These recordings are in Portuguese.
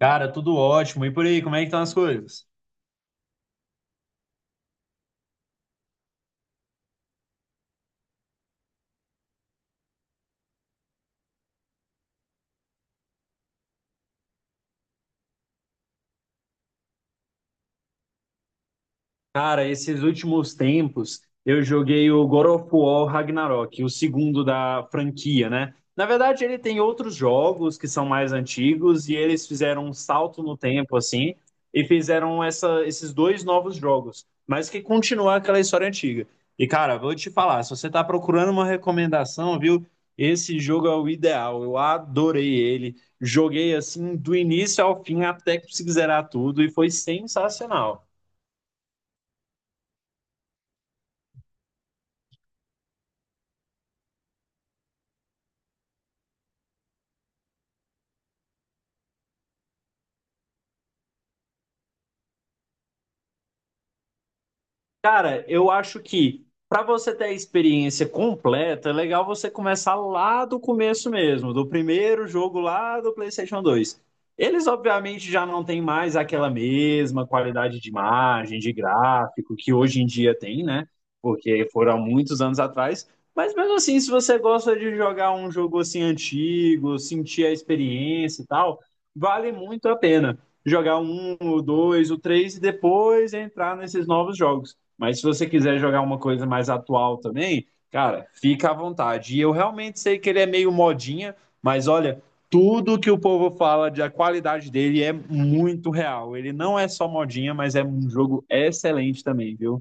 Cara, tudo ótimo. E por aí, como é que estão as coisas? Cara, esses últimos tempos eu joguei o God of War Ragnarok, o segundo da franquia, né? Na verdade, ele tem outros jogos que são mais antigos e eles fizeram um salto no tempo, assim, e fizeram esses dois novos jogos, mas que continuam aquela história antiga. E, cara, vou te falar, se você tá procurando uma recomendação, viu? Esse jogo é o ideal. Eu adorei ele. Joguei assim do início ao fim até conseguir zerar tudo e foi sensacional. Cara, eu acho que para você ter a experiência completa, é legal você começar lá do começo mesmo, do primeiro jogo lá do PlayStation 2. Eles, obviamente, já não têm mais aquela mesma qualidade de imagem, de gráfico que hoje em dia tem, né? Porque foram há muitos anos atrás. Mas mesmo assim, se você gosta de jogar um jogo assim antigo, sentir a experiência e tal, vale muito a pena jogar um, o dois, o três e depois entrar nesses novos jogos. Mas se você quiser jogar uma coisa mais atual também, cara, fica à vontade. E eu realmente sei que ele é meio modinha, mas olha, tudo que o povo fala de a qualidade dele é muito real. Ele não é só modinha, mas é um jogo excelente também, viu?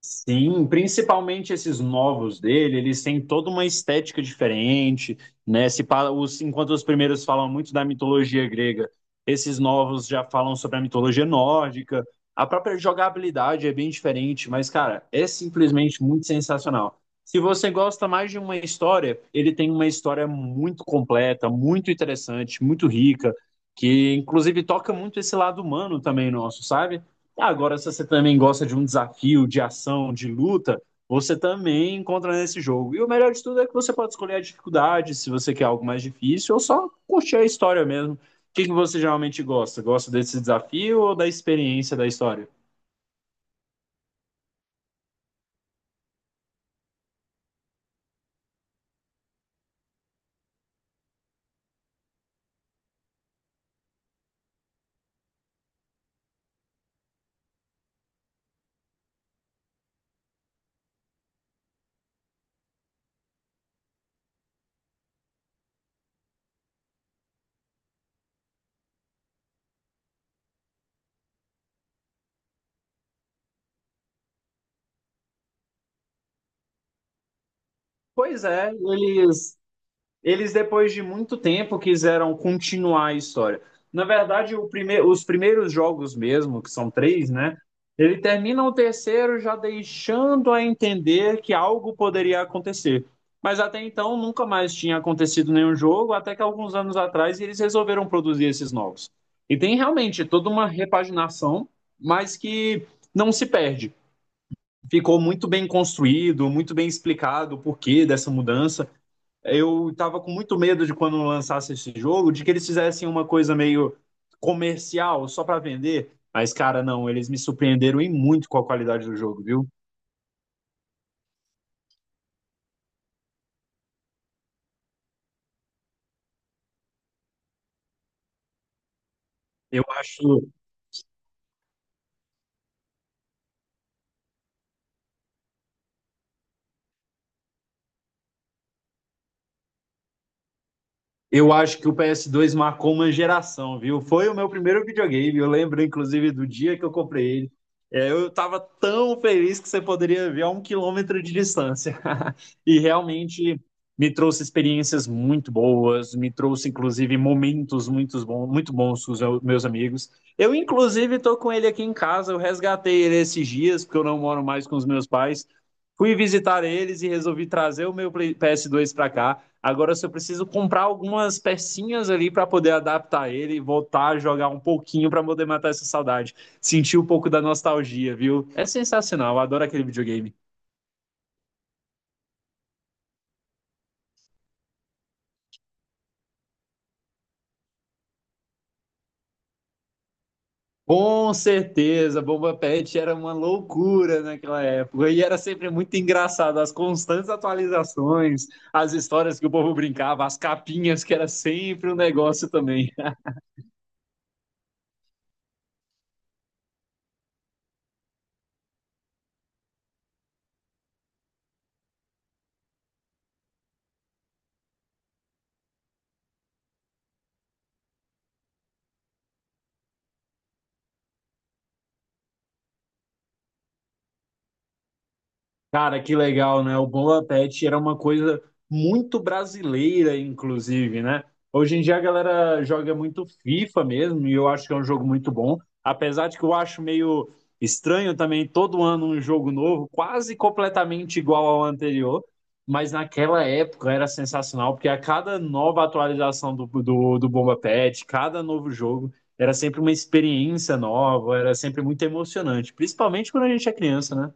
Sim, principalmente esses novos dele, eles têm toda uma estética diferente, né? Se, pa- os, Enquanto os primeiros falam muito da mitologia grega, esses novos já falam sobre a mitologia nórdica. A própria jogabilidade é bem diferente, mas, cara, é simplesmente muito sensacional. Se você gosta mais de uma história, ele tem uma história muito completa, muito interessante, muito rica, que inclusive toca muito esse lado humano também nosso, sabe? Agora, se você também gosta de um desafio, de ação, de luta, você também encontra nesse jogo. E o melhor de tudo é que você pode escolher a dificuldade, se você quer algo mais difícil, ou só curtir a história mesmo. O que que você geralmente gosta? Gosta desse desafio ou da experiência da história? Pois é, eles depois de muito tempo quiseram continuar a história. Na verdade, os primeiros jogos mesmo, que são três, né? Ele termina o terceiro já deixando a entender que algo poderia acontecer. Mas até então nunca mais tinha acontecido nenhum jogo, até que alguns anos atrás eles resolveram produzir esses novos. E tem realmente toda uma repaginação, mas que não se perde. Ficou muito bem construído, muito bem explicado o porquê dessa mudança. Eu estava com muito medo de quando lançasse esse jogo, de que eles fizessem uma coisa meio comercial só para vender. Mas, cara, não, eles me surpreenderam em muito com a qualidade do jogo, viu? Eu acho, Eu acho que o PS2 marcou uma geração, viu? Foi o meu primeiro videogame. Eu lembro, inclusive, do dia que eu comprei ele. É, eu estava tão feliz que você poderia ver a um quilômetro de distância. E realmente me trouxe experiências muito boas, me trouxe, inclusive, momentos muito bons com os meus amigos. Eu, inclusive, estou com ele aqui em casa. Eu resgatei ele esses dias, porque eu não moro mais com os meus pais. Fui visitar eles e resolvi trazer o meu PS2 para cá. Agora eu só preciso comprar algumas pecinhas ali para poder adaptar ele e voltar a jogar um pouquinho para poder matar essa saudade. Sentir um pouco da nostalgia, viu? É sensacional, eu adoro aquele videogame. Com certeza, Bomba Pet era uma loucura naquela época e era sempre muito engraçado as constantes atualizações, as histórias que o povo brincava, as capinhas que era sempre um negócio também. Cara, que legal, né? O Bom Apetite era uma coisa muito brasileira, inclusive, né? Hoje em dia a galera joga muito FIFA mesmo, e eu acho que é um jogo muito bom. Apesar de que eu acho meio estranho também todo ano um jogo novo, quase completamente igual ao anterior. Mas naquela época era sensacional, porque a cada nova atualização do Bomba Pet, cada novo jogo, era sempre uma experiência nova, era sempre muito emocionante, principalmente quando a gente é criança, né?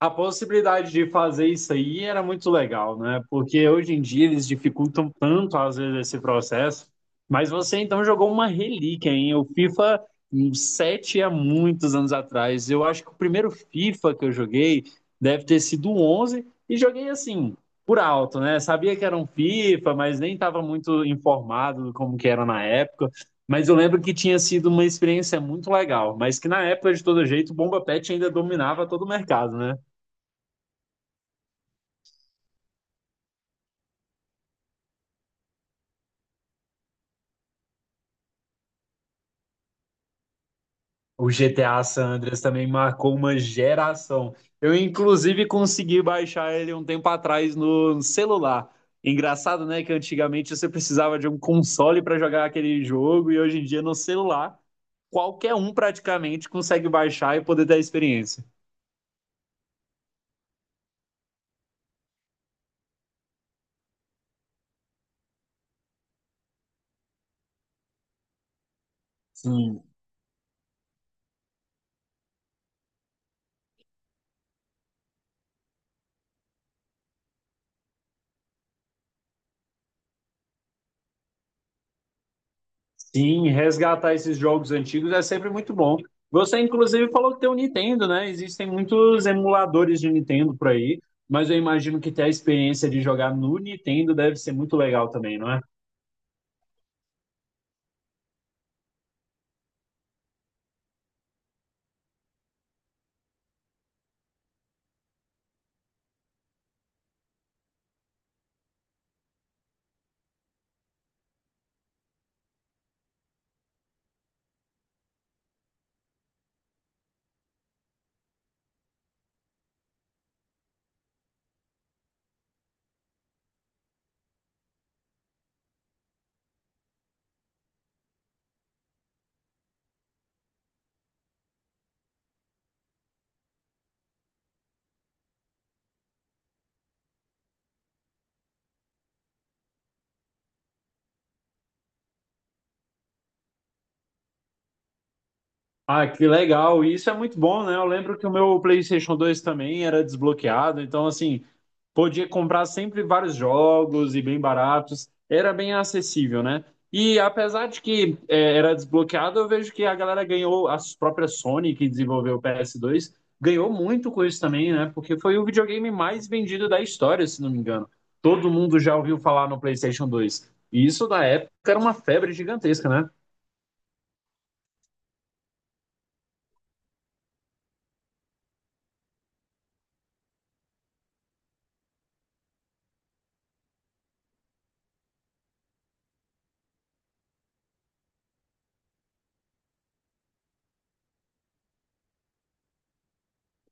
A possibilidade de fazer isso aí era muito legal, né? Porque hoje em dia eles dificultam tanto, às vezes, esse processo. Mas você então jogou uma relíquia, hein? O FIFA um 7 há muitos anos atrás. Eu acho que o primeiro FIFA que eu joguei deve ter sido o 11 e joguei assim, por alto, né? Sabia que era um FIFA, mas nem estava muito informado do como que era na época. Mas eu lembro que tinha sido uma experiência muito legal, mas que na época, de todo jeito, o Bomba Pet ainda dominava todo o mercado, né? O GTA San Andreas também marcou uma geração. Eu, inclusive, consegui baixar ele um tempo atrás no celular. Engraçado, né, que antigamente você precisava de um console para jogar aquele jogo e hoje em dia no celular qualquer um praticamente consegue baixar e poder ter a experiência. Sim. Sim, resgatar esses jogos antigos é sempre muito bom. Você, inclusive, falou que tem o Nintendo, né? Existem muitos emuladores de Nintendo por aí, mas eu imagino que ter a experiência de jogar no Nintendo deve ser muito legal também, não é? Ah, que legal! E isso é muito bom, né? Eu lembro que o meu PlayStation 2 também era desbloqueado, então, assim, podia comprar sempre vários jogos e bem baratos, era bem acessível, né? E apesar de que é, era desbloqueado, eu vejo que a galera ganhou, a própria Sony, que desenvolveu o PS2, ganhou muito com isso também, né? Porque foi o videogame mais vendido da história, se não me engano. Todo mundo já ouviu falar no PlayStation 2. E isso, na época, era uma febre gigantesca, né?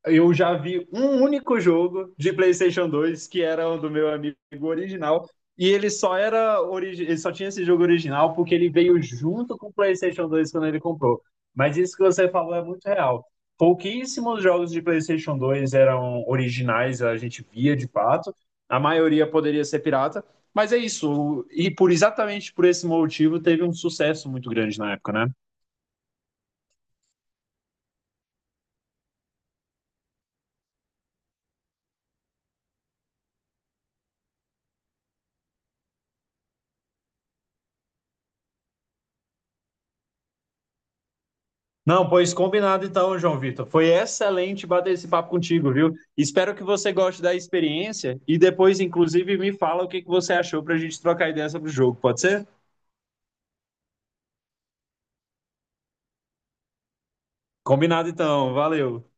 Eu já vi um único jogo de PlayStation 2 que era o do meu amigo original. E ele só era ele só tinha esse jogo original porque ele veio junto com o PlayStation 2 quando ele comprou. Mas isso que você falou é muito real. Pouquíssimos jogos de PlayStation 2 eram originais, a gente via de fato. A maioria poderia ser pirata, mas é isso. E por exatamente por esse motivo teve um sucesso muito grande na época, né? Não, pois combinado então, João Vitor. Foi excelente bater esse papo contigo, viu? Espero que você goste da experiência e depois, inclusive, me fala o que que você achou para a gente trocar ideia sobre o jogo, pode ser? Combinado então, valeu.